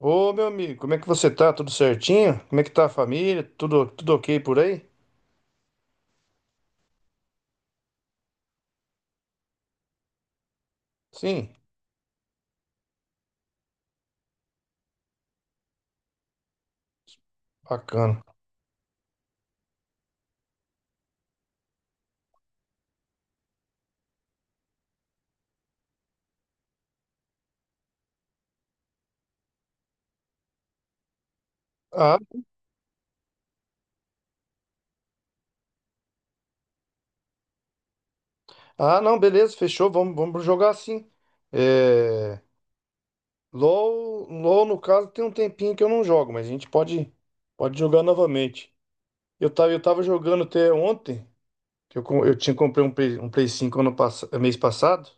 Ô, meu amigo, como é que você tá? Tudo certinho? Como é que tá a família? Tudo ok por aí? Sim, bacana. Ah, ah, não, beleza, fechou. Vamos jogar sim. É, LOL, no caso, tem um tempinho que eu não jogo, mas a gente pode jogar novamente. Eu tava jogando até ontem, que eu tinha comprei um Play 5 mês passado,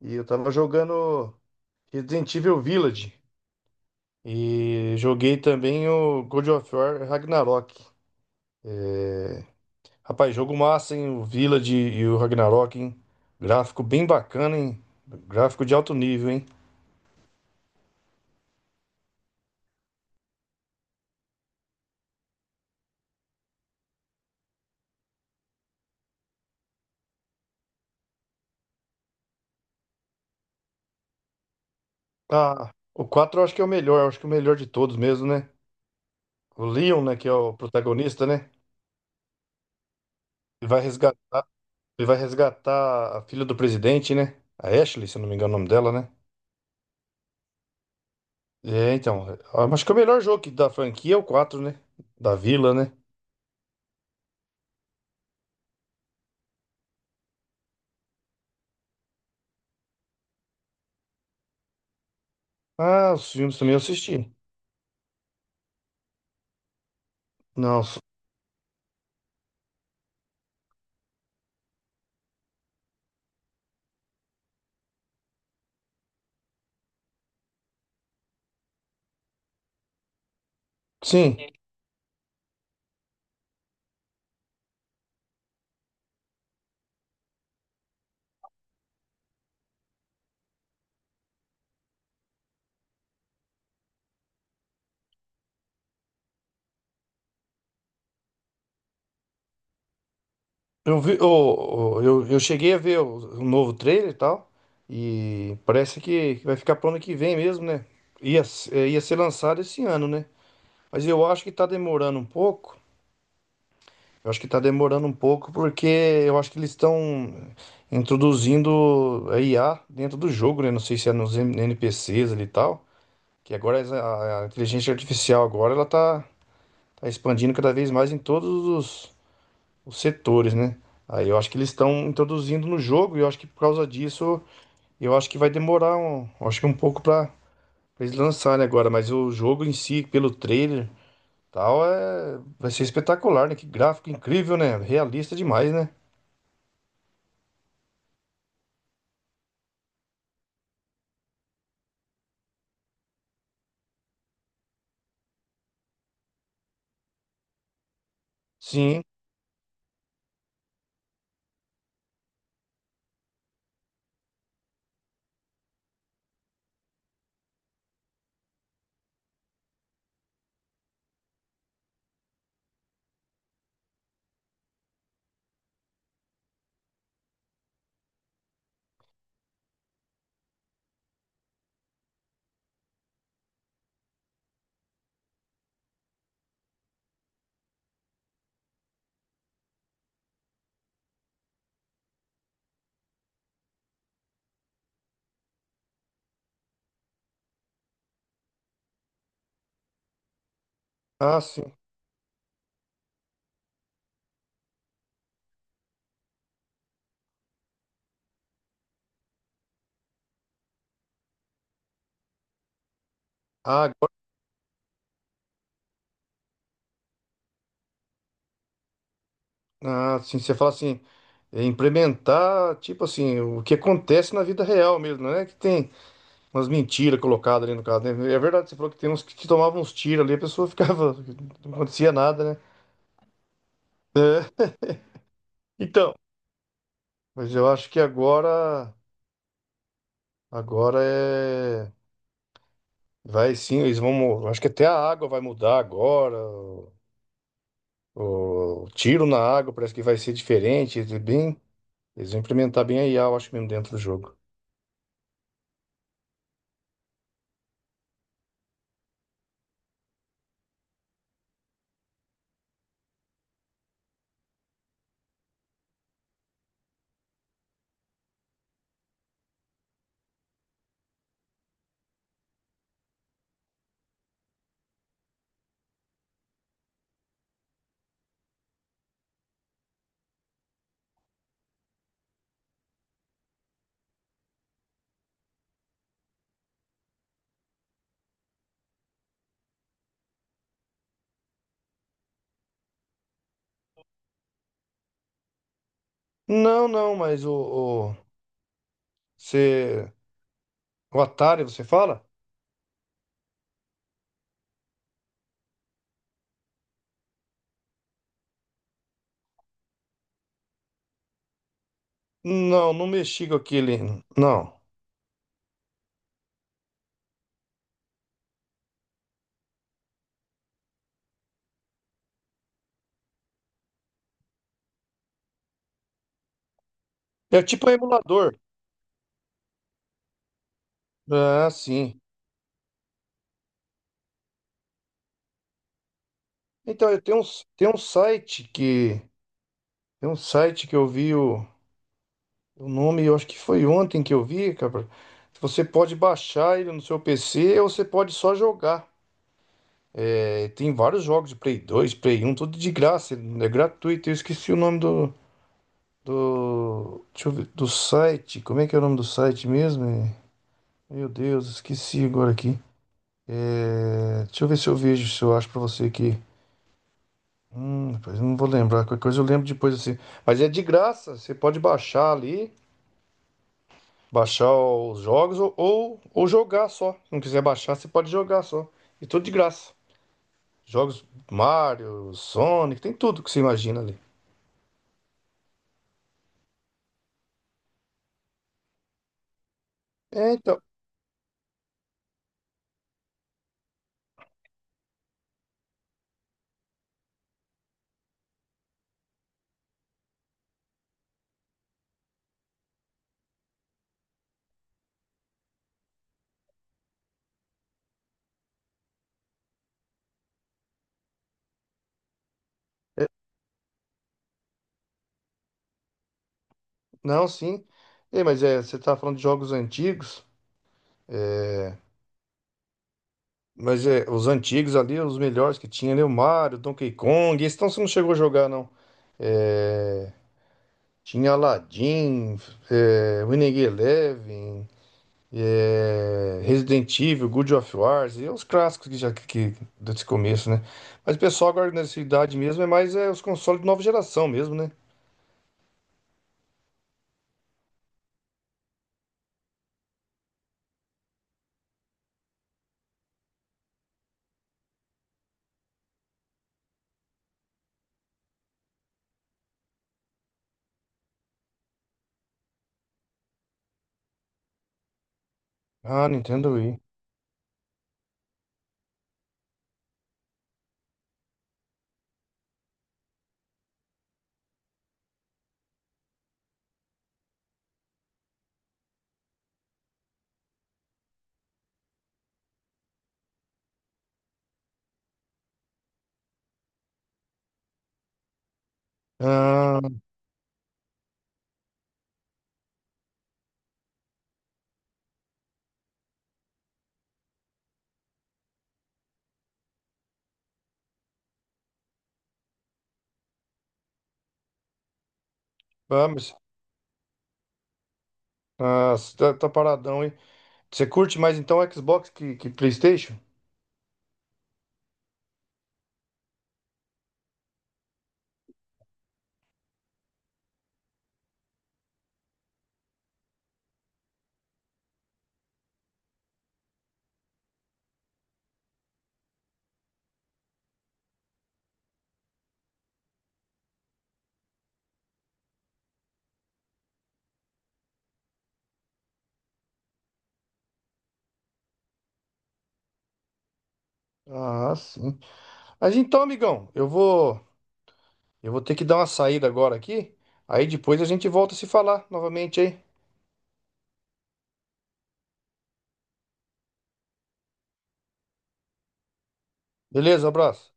e eu tava jogando Resident Evil Village. E joguei também o God of War Ragnarok. Rapaz, jogo massa, hein? O Village e o Ragnarok, hein? Gráfico bem bacana, hein? Gráfico de alto nível, hein? Ah, o quatro eu acho que é o melhor, eu acho que é o melhor de todos mesmo, né? O Leon, né, que é o protagonista, né? Ele vai resgatar, ele vai resgatar a filha do presidente, né? A Ashley, se eu não me engano o nome dela, né? É, então, eu acho que é o melhor jogo que- da franquia é o 4, né? Da Vila, né? Ah, os filmes também eu assisti. Não, s- sim. Eu vi, eu cheguei a ver o novo trailer e tal, e parece que vai ficar pro ano que vem mesmo, né? Ia ser lançado esse ano, né? Mas eu acho que tá demorando um pouco. Eu acho que tá demorando um pouco porque eu acho que eles estão introduzindo a IA dentro do jogo, né? Não sei se é NPCs ali e tal, que agora a inteligência artificial agora ela tá expandindo cada vez mais em todos os setores, né? Aí eu acho que eles estão introduzindo no jogo e eu acho que por causa disso, eu acho que vai demorar acho que um pouco para eles lançarem agora, mas o jogo em si, pelo trailer, tal, é vai ser espetacular, né? Que gráfico incrível, né? Realista demais, né? Sim. Ah, sim. Ah, agora, ah, sim, você fala assim, é, implementar, tipo assim, o que acontece na vida real mesmo, não é que tem umas mentiras colocadas ali no caso, né? É verdade, você falou que tem uns que tomavam uns tiros ali, a pessoa ficava, não acontecia nada, né? Então, mas eu acho que agora, agora é, vai sim, eles vão, acho que até a água vai mudar agora, o tiro na água parece que vai ser diferente, eles bem, eles vão implementar bem a IA, eu acho mesmo dentro do jogo. Não, não, mas o, você, o Atari, você fala? Não, não mexi com aquele, não. É tipo um emulador. Ah, sim. Então, tem um tem um site que eu vi o. O nome, eu acho que foi ontem que eu vi, cara. Você pode baixar ele no seu PC ou você pode só jogar. É, tem vários jogos de Play 2 Play um tudo de graça, é gratuito. Eu esqueci o nome deixa eu ver, do site. Como é que é o nome do site mesmo? É, Meu Deus, esqueci agora aqui. É, deixa eu ver se eu vejo, se eu acho pra você aqui. Rapaz, eu não vou lembrar, qualquer coisa eu lembro depois assim. Mas é de graça, você pode baixar ali. Baixar os jogos ou jogar só. Se não quiser baixar, você pode jogar só. E tudo de graça. Jogos Mario, Sonic, tem tudo que você imagina ali. É, então. Não, sim. Você tá falando de jogos antigos. Mas é, os antigos ali, os melhores que tinha ali, o Mario, Donkey Kong. Esse então você não chegou a jogar, não. É, tinha Aladdin, é, Winning Eleven, é, Resident Evil, God of Wars, e os clássicos que desse começo, né? Mas o pessoal agora nessa idade mesmo é mais é, os consoles de nova geração mesmo, né? Ah, Nintendo Wii. Ah, ah, mas ah, você tá, tá paradão, hein? Você curte mais então Xbox que PlayStation? Ah, sim. Mas então, amigão, eu vou ter que dar uma saída agora aqui. Aí depois a gente volta a se falar novamente, hein? Beleza, abraço.